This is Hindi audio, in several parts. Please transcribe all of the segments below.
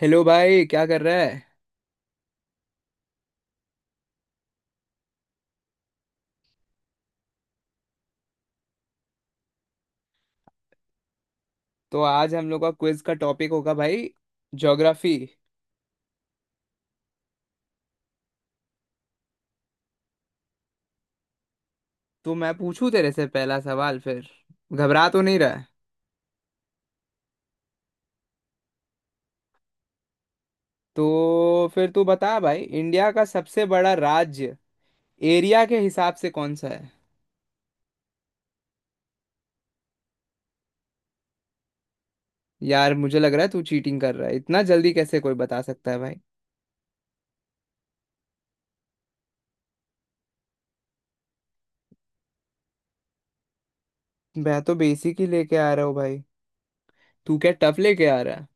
हेलो भाई, क्या कर रहा है? तो आज हम लोग का क्विज का टॉपिक होगा भाई, ज्योग्राफी। तो मैं पूछूं तेरे से पहला सवाल फिर। घबरा तो नहीं रहा है? तो फिर तू बता भाई, इंडिया का सबसे बड़ा राज्य एरिया के हिसाब से कौन सा है? यार मुझे लग रहा है तू चीटिंग कर रहा है। इतना जल्दी कैसे कोई बता सकता है भाई? मैं तो बेसिक ही लेके आ रहा हूँ भाई। तू क्या टफ लेके आ रहा है?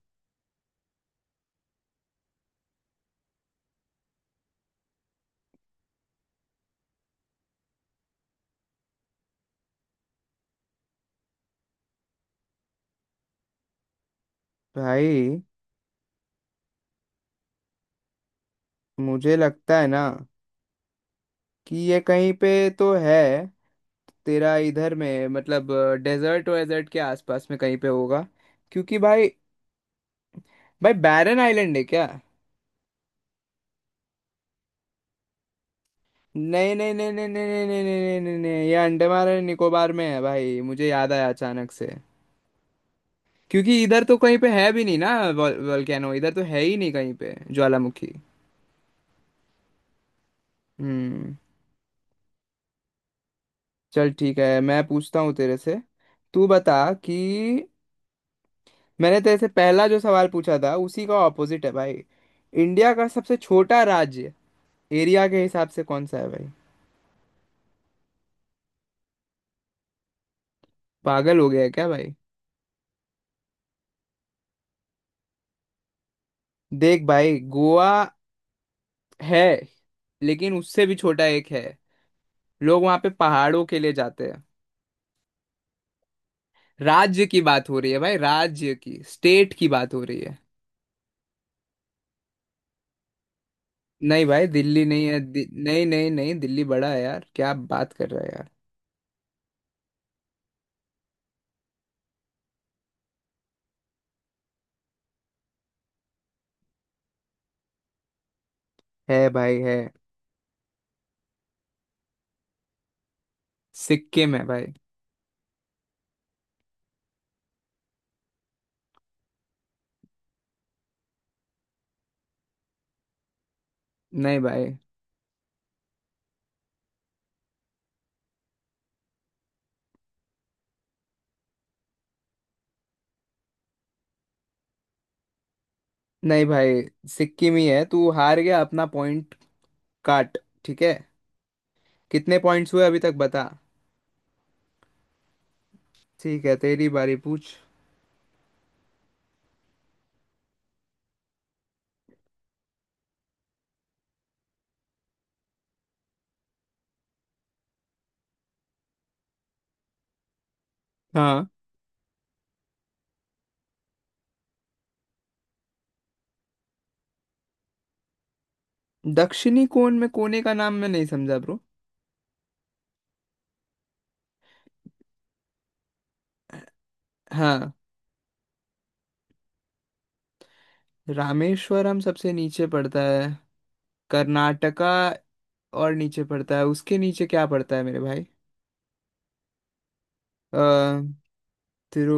भाई मुझे लगता है ना कि ये कहीं पे तो है तेरा इधर में मतलब, डेजर्ट वेजर्ट के आसपास में कहीं पे होगा। क्योंकि भाई, भाई बैरन आइलैंड है क्या? नहीं नहीं नहीं नहीं नहीं नहीं नहीं नहीं नहीं नहीं, ये अंडमान और निकोबार में है भाई। मुझे याद आया अचानक से, क्योंकि इधर तो कहीं पे है भी नहीं ना। वोल्केनो इधर तो है ही नहीं कहीं पे, ज्वालामुखी। हम्म। चल ठीक है, मैं पूछता हूँ तेरे से। तू बता कि मैंने तेरे से पहला जो सवाल पूछा था उसी का ऑपोजिट है भाई। इंडिया का सबसे छोटा राज्य एरिया के हिसाब से कौन सा है भाई? पागल हो गया है क्या भाई? देख भाई, गोवा है, लेकिन उससे भी छोटा एक है। लोग वहां पे पहाड़ों के लिए जाते हैं। राज्य की बात हो रही है भाई, राज्य की, स्टेट की बात हो रही है। नहीं भाई, दिल्ली नहीं है। दि... नहीं नहीं नहीं, दिल्ली बड़ा है यार। क्या बात कर रहा है यार! है भाई, है। सिक्किम है भाई। नहीं भाई, नहीं भाई, सिक्किम ही है। तू हार गया अपना पॉइंट काट। ठीक है, कितने पॉइंट्स हुए अभी तक बता। ठीक है, तेरी बारी पूछ। हाँ। दक्षिणी कोण में कोने का नाम मैं नहीं समझा ब्रो। हाँ। रामेश्वरम सबसे नीचे पड़ता है। कर्नाटका और नीचे पड़ता है, उसके नीचे क्या पड़ता है मेरे भाई? अ तिरु।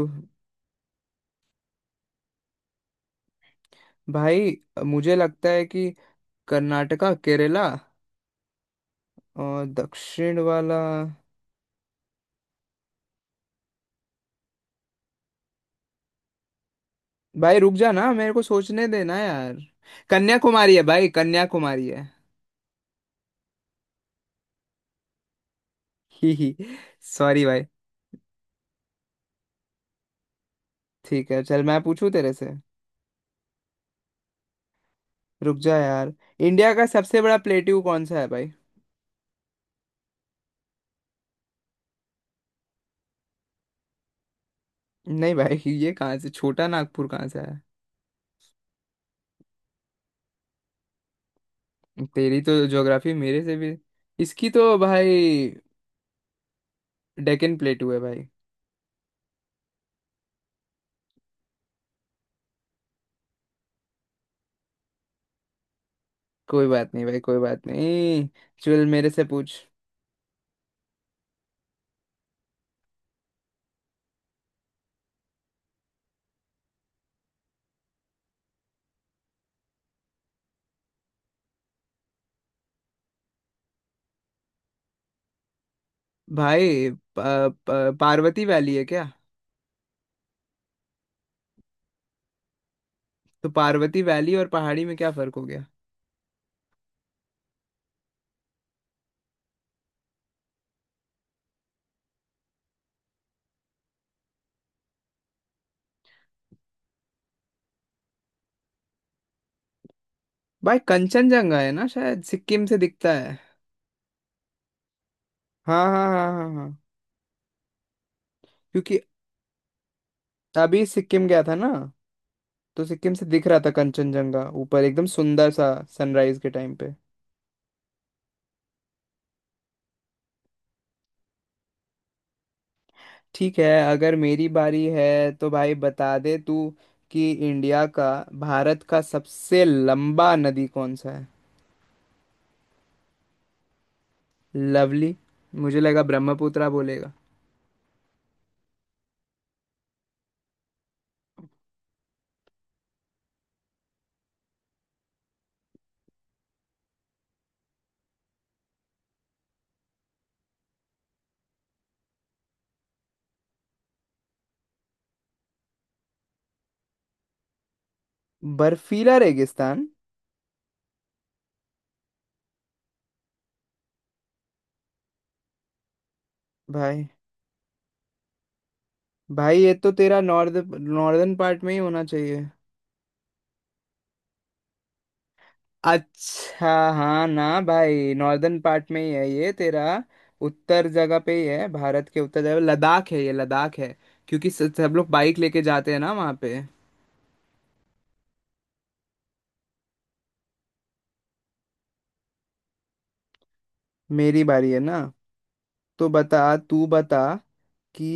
भाई मुझे लगता है कि कर्नाटका, केरला, और दक्षिण वाला। भाई रुक जा ना, मेरे को सोचने देना यार। कन्याकुमारी है भाई, कन्याकुमारी है। ही ही। सॉरी भाई। ठीक है, चल मैं पूछूं तेरे से। रुक जा यार। इंडिया का सबसे बड़ा प्लेट्यू कौन सा है भाई? नहीं भाई, ये कहाँ से छोटा नागपुर कहाँ से है? तेरी तो ज्योग्राफी मेरे से भी, इसकी तो भाई, डेक्कन प्लेटू है भाई। कोई बात नहीं भाई, कोई बात नहीं। चल मेरे से पूछ। भाई प, प, पार्वती वैली है क्या? तो पार्वती वैली और पहाड़ी में क्या फर्क हो गया? भाई कंचनजंगा है ना, शायद सिक्किम से दिखता है। हाँ हाँ हाँ हाँ हाँ। क्योंकि अभी सिक्किम गया था ना, तो सिक्किम से दिख रहा था कंचनजंगा ऊपर एकदम सुंदर सा, सनराइज के टाइम पे। ठीक है, अगर मेरी बारी है तो भाई बता दे तू कि इंडिया का, भारत का सबसे लंबा नदी कौन सा है? लवली। मुझे लगा ब्रह्मपुत्रा बोलेगा। बर्फीला रेगिस्तान। भाई, भाई ये तो तेरा नॉर्थ, नॉर्दर्न पार्ट में ही होना चाहिए। अच्छा हाँ ना भाई, नॉर्दर्न पार्ट में ही है ये तेरा। उत्तर जगह पे ही है, भारत के उत्तर जगह लद्दाख है, ये लद्दाख है। क्योंकि सब लोग बाइक लेके जाते हैं ना वहाँ पे। मेरी बारी है ना? तो बता, तू बता कि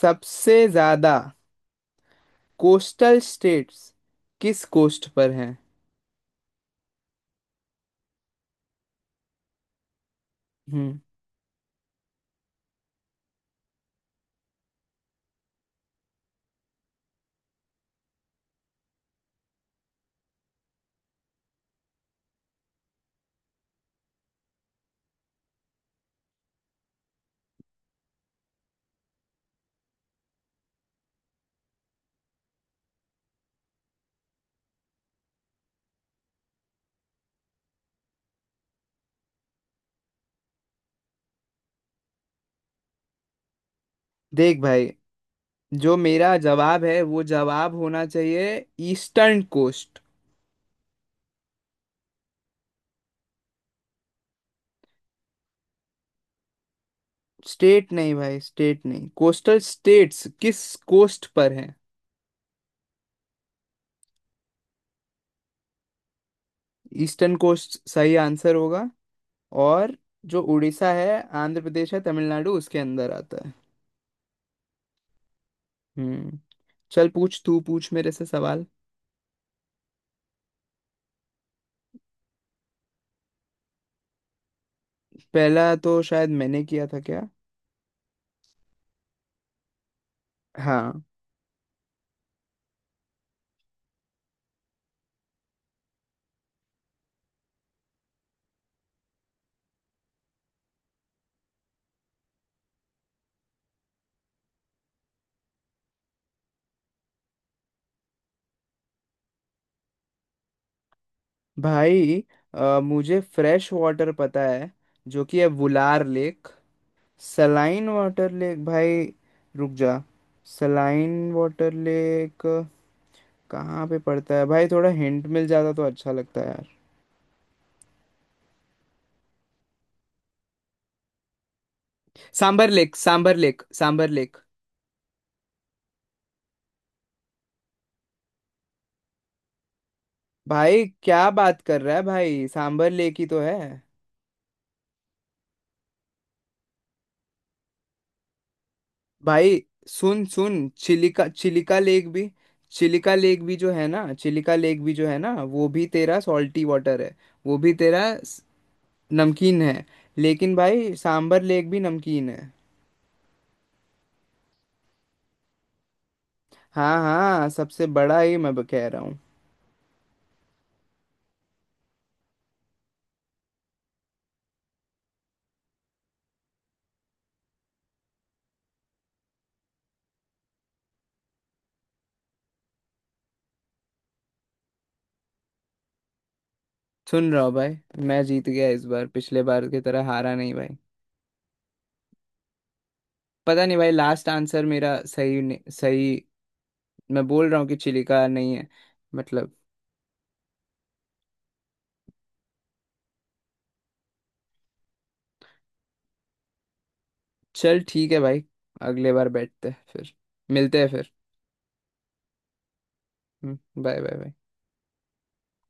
सबसे ज्यादा कोस्टल स्टेट्स किस कोस्ट पर हैं? हम्म। देख भाई, जो मेरा जवाब है वो जवाब होना चाहिए, ईस्टर्न कोस्ट। स्टेट नहीं भाई, स्टेट नहीं, कोस्टल स्टेट्स किस कोस्ट पर हैं। ईस्टर्न कोस्ट सही आंसर होगा। और जो उड़ीसा है, आंध्र प्रदेश है, तमिलनाडु, उसके अंदर आता है। हम्म। चल पूछ, तू पूछ मेरे से सवाल। पहला तो शायद मैंने किया था, क्या? हाँ। भाई मुझे फ्रेश वाटर पता है, जो कि है Wular lake. Saline water lake भाई, रुक जा। सलाइन वाटर लेक कहाँ पे पड़ता है भाई? थोड़ा हिंट मिल जाता तो अच्छा लगता है यार। Sambhar lake, Sambhar lake, Sambhar lake. भाई क्या बात कर रहा है भाई, सांबर लेक ही तो है भाई। सुन सुन, चिलिका, चिलिका लेक भी, चिलिका लेक भी जो है ना, चिलिका लेक भी जो है ना, वो भी तेरा सॉल्टी वाटर है। वो भी तेरा नमकीन है। लेकिन भाई, सांबर लेक भी नमकीन है। हाँ हाँ, सबसे बड़ा ही मैं कह रहा हूँ। सुन रहा हूँ भाई। मैं जीत गया इस बार, पिछले बार की तरह हारा नहीं भाई। पता नहीं भाई, लास्ट आंसर मेरा सही नहीं- सही, मैं बोल रहा हूँ कि चिलिका नहीं है, मतलब। चल ठीक है भाई, अगले बार बैठते हैं फिर, मिलते हैं फिर। Bye bye bye.